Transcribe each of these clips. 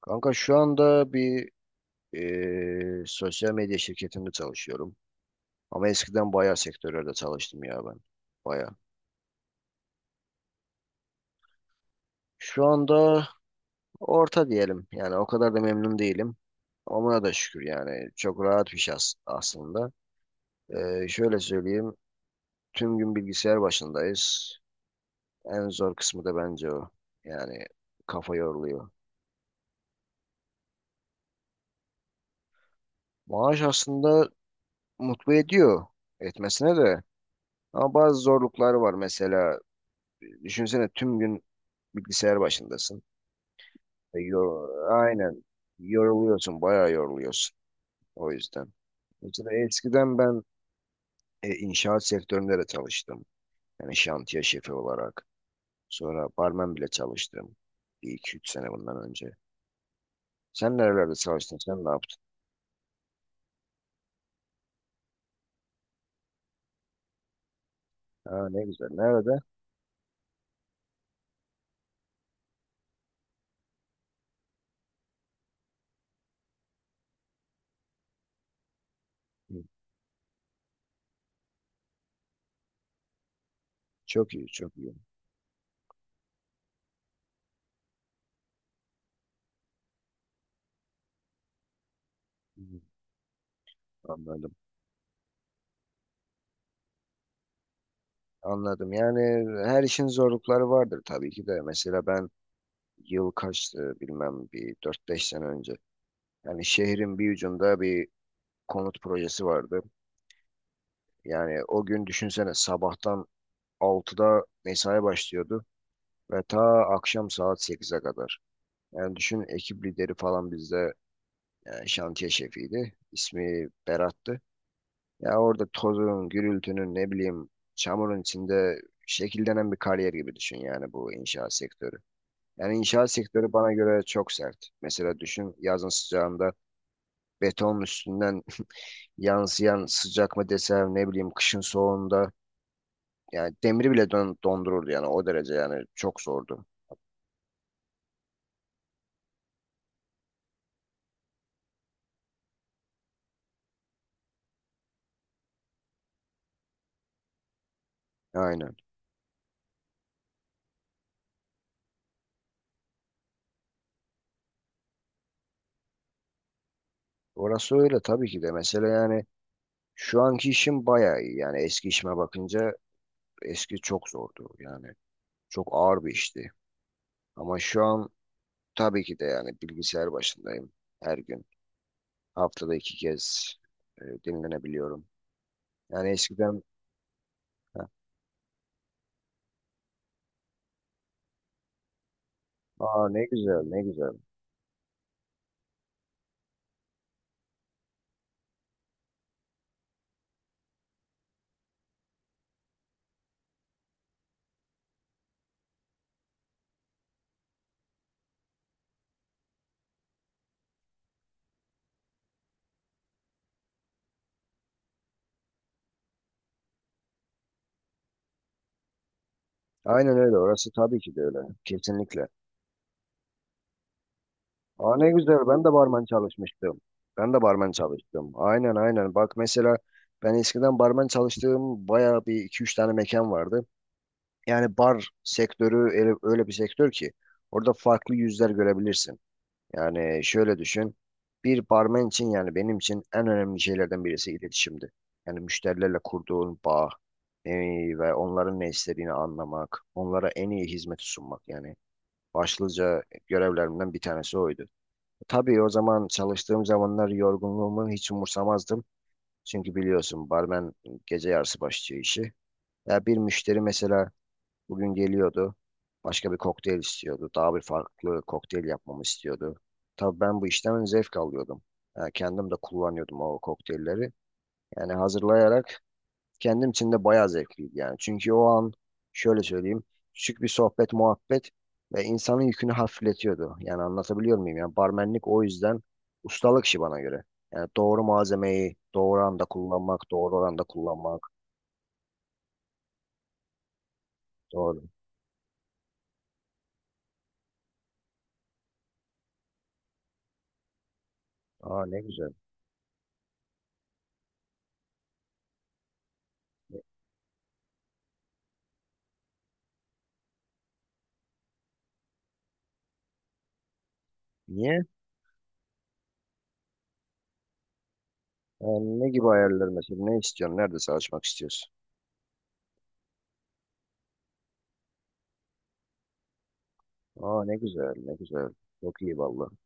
Kanka şu anda bir sosyal medya şirketinde çalışıyorum. Ama eskiden bayağı sektörlerde çalıştım ya ben. Bayağı. Şu anda orta diyelim. Yani o kadar da memnun değilim. Ama buna da şükür yani. Çok rahat bir şey aslında. Şöyle söyleyeyim. Tüm gün bilgisayar başındayız. En zor kısmı da bence o. Yani kafa yoruluyor. Maaş aslında mutlu ediyor. Etmesine de. Ama bazı zorluklar var. Mesela düşünsene tüm gün bilgisayar başındasın. Aynen. Yoruluyorsun, bayağı yoruluyorsun o yüzden. Mesela eskiden ben inşaat sektöründe de çalıştım. Yani şantiye şefi olarak. Sonra barmen bile çalıştım. Bir iki üç sene bundan önce. Sen nerelerde çalıştın? Sen ne yaptın? Ha, ne güzel. Nerede? Hı, çok iyi, çok iyi. Hı, anladım. Anladım. Yani her işin zorlukları vardır tabii ki de. Mesela ben yıl kaçtı bilmem bir dört beş sene önce yani şehrin bir ucunda bir konut projesi vardı. Yani o gün düşünsene sabahtan 6'da mesai başlıyordu ve ta akşam saat 8'e kadar. Yani düşün ekip lideri falan bizde yani şantiye şefiydi. İsmi Berat'tı. Ya orada tozun, gürültünün ne bileyim çamurun içinde şekillenen bir kariyer gibi düşün yani bu inşaat sektörü. Yani inşaat sektörü bana göre çok sert. Mesela düşün yazın sıcağında betonun üstünden yansıyan sıcak mı desem ne bileyim kışın soğuğunda yani demiri bile dondururdu yani o derece yani çok zordu. Aynen. Orası öyle tabii ki de. Mesela yani şu anki işim bayağı iyi. Yani eski işime bakınca eski çok zordu. Yani çok ağır bir işti. Ama şu an tabii ki de yani bilgisayar başındayım her gün. Haftada 2 kez dinlenebiliyorum. Yani eskiden. Ha. Aa, ne güzel, ne güzel. Aynen öyle, orası tabii ki de öyle. Kesinlikle. Aa, ne güzel, ben de barmen çalışmıştım. Ben de barmen çalıştım. Aynen, aynen. Bak mesela ben eskiden barmen çalıştığım bayağı bir iki üç tane mekan vardı. Yani bar sektörü öyle, öyle bir sektör ki orada farklı yüzler görebilirsin. Yani şöyle düşün. Bir barmen için yani benim için en önemli şeylerden birisi iletişimdi. Yani müşterilerle kurduğun bağ e, ve onların ne istediğini anlamak, onlara en iyi hizmeti sunmak yani başlıca görevlerimden bir tanesi oydu. Tabii o zaman çalıştığım zamanlar yorgunluğumu hiç umursamazdım. Çünkü biliyorsun barmen gece yarısı başlıyor işi. Ya bir müşteri mesela bugün geliyordu. Başka bir kokteyl istiyordu. Daha bir farklı kokteyl yapmamı istiyordu. Tabii ben bu işten zevk alıyordum. Ya kendim de kullanıyordum o kokteylleri. Yani hazırlayarak kendim için de bayağı zevkliydi yani. Çünkü o an şöyle söyleyeyim, küçük bir sohbet muhabbet ve insanın yükünü hafifletiyordu. Yani anlatabiliyor muyum? Yani barmenlik o yüzden ustalık işi bana göre. Yani doğru malzemeyi doğru anda kullanmak, doğru oranda kullanmak. Doğru. Aa, ne güzel. Niye? Yani ne gibi ayarlar mesela? Ne istiyorsun? Nerede çalışmak istiyorsun? Aa, ne güzel, ne güzel. Çok iyi vallahi.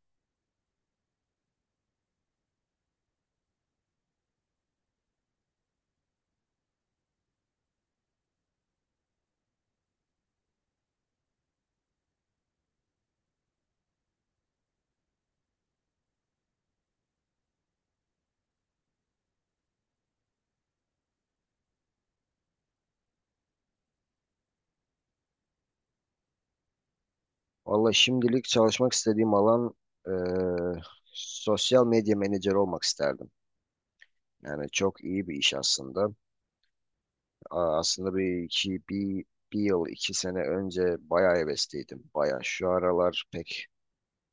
Vallahi şimdilik çalışmak istediğim alan eee, sosyal medya menajeri olmak isterdim. Yani çok iyi bir iş aslında. Aa, aslında bir yıl 2 sene önce bayağı hevesliydim. Bayağı şu aralar pek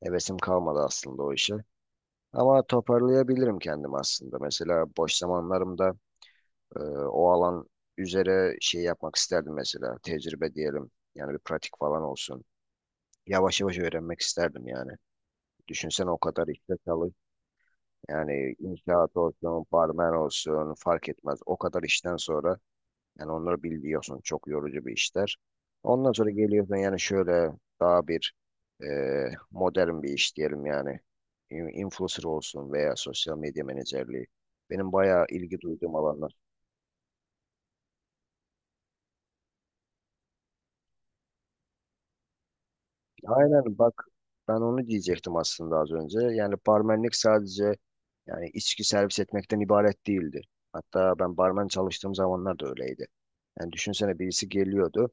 hevesim kalmadı aslında o işe. Ama toparlayabilirim kendimi aslında. Mesela boş zamanlarımda e, o alan üzere şey yapmak isterdim mesela. Tecrübe diyelim. Yani bir pratik falan olsun. Yavaş yavaş öğrenmek isterdim yani. Düşünsene o kadar işte çalış. Yani inşaat olsun, barmen olsun fark etmez. O kadar işten sonra yani onları biliyorsun çok yorucu bir işler. Ondan sonra geliyorsun yani şöyle daha bir e, modern bir iş diyelim yani. Influencer olsun veya sosyal medya menajerliği. Benim bayağı ilgi duyduğum alanlar. Aynen bak, ben onu diyecektim aslında az önce. Yani barmenlik sadece yani içki servis etmekten ibaret değildi. Hatta ben barmen çalıştığım zamanlar da öyleydi. Yani düşünsene birisi geliyordu.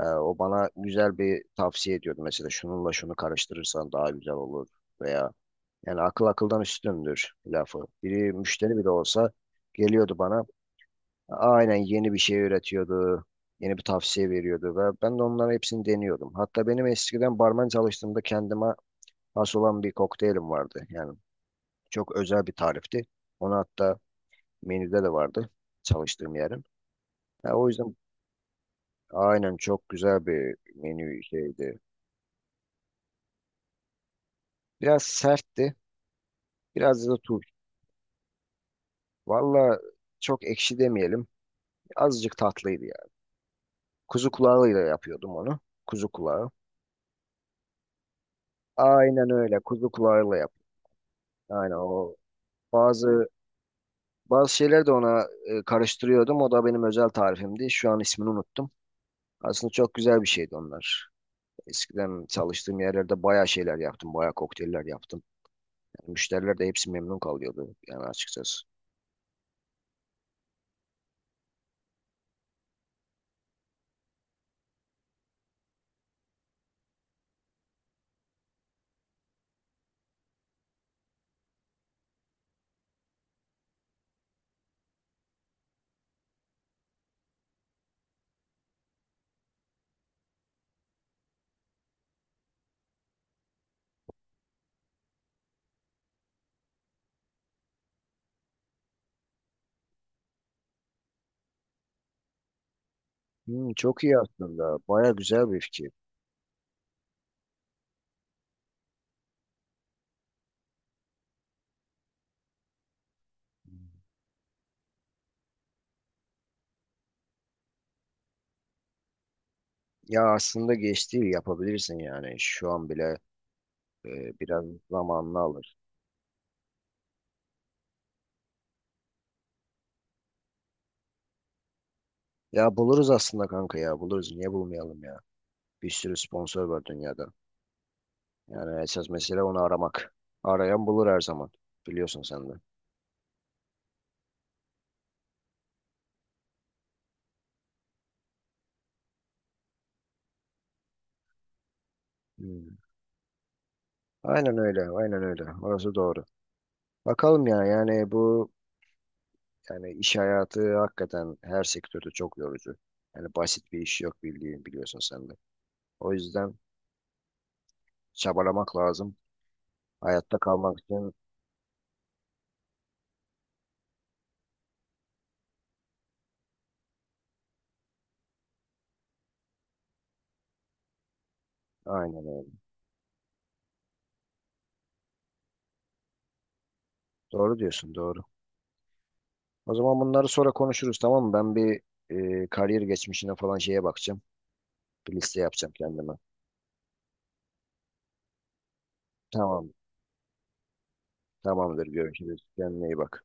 O bana güzel bir tavsiye ediyordu. Mesela şununla şunu karıştırırsan daha güzel olur veya yani akıl akıldan üstündür lafı. Biri müşteri bile olsa geliyordu bana. Aynen yeni bir şey üretiyordu. Yeni bir tavsiye veriyordu ve ben de onların hepsini deniyordum. Hatta benim eskiden barman çalıştığımda kendime has olan bir kokteylim vardı. Yani çok özel bir tarifti. Onu hatta menüde de vardı çalıştığım yerin. Ya o yüzden aynen çok güzel bir menü şeydi. Biraz sertti. Biraz da tuz. Valla çok ekşi demeyelim. Azıcık tatlıydı yani. Kuzu kulağıyla yapıyordum onu. Kuzu kulağı. Aynen öyle. Kuzu kulağıyla yap. Aynen o. Bazı bazı şeyler de ona karıştırıyordum. O da benim özel tarifimdi. Şu an ismini unuttum. Aslında çok güzel bir şeydi onlar. Eskiden çalıştığım yerlerde bayağı şeyler yaptım. Bayağı kokteyller yaptım. Yani müşteriler de hepsi memnun kalıyordu yani açıkçası. Hmm, çok iyi aslında. Bayağı güzel bir fikir. Ya aslında geç değil yapabilirsin yani. Şu an bile biraz zamanını alır. Ya buluruz aslında kanka, ya buluruz. Niye bulmayalım ya? Bir sürü sponsor var dünyada. Yani esas mesele onu aramak. Arayan bulur her zaman. Biliyorsun sen de. Hmm. Aynen öyle, aynen öyle. Orası doğru. Bakalım ya, yani bu, yani iş hayatı hakikaten her sektörde çok yorucu. Yani basit bir iş yok bildiğin, biliyorsun sen de. O yüzden çabalamak lazım. Hayatta kalmak için aynen öyle. Doğru diyorsun, doğru. O zaman bunları sonra konuşuruz, tamam mı? Ben bir kariyer geçmişine falan şeye bakacağım. Bir liste yapacağım kendime. Tamam. Tamamdır. Görüşürüz. Kendine iyi bak.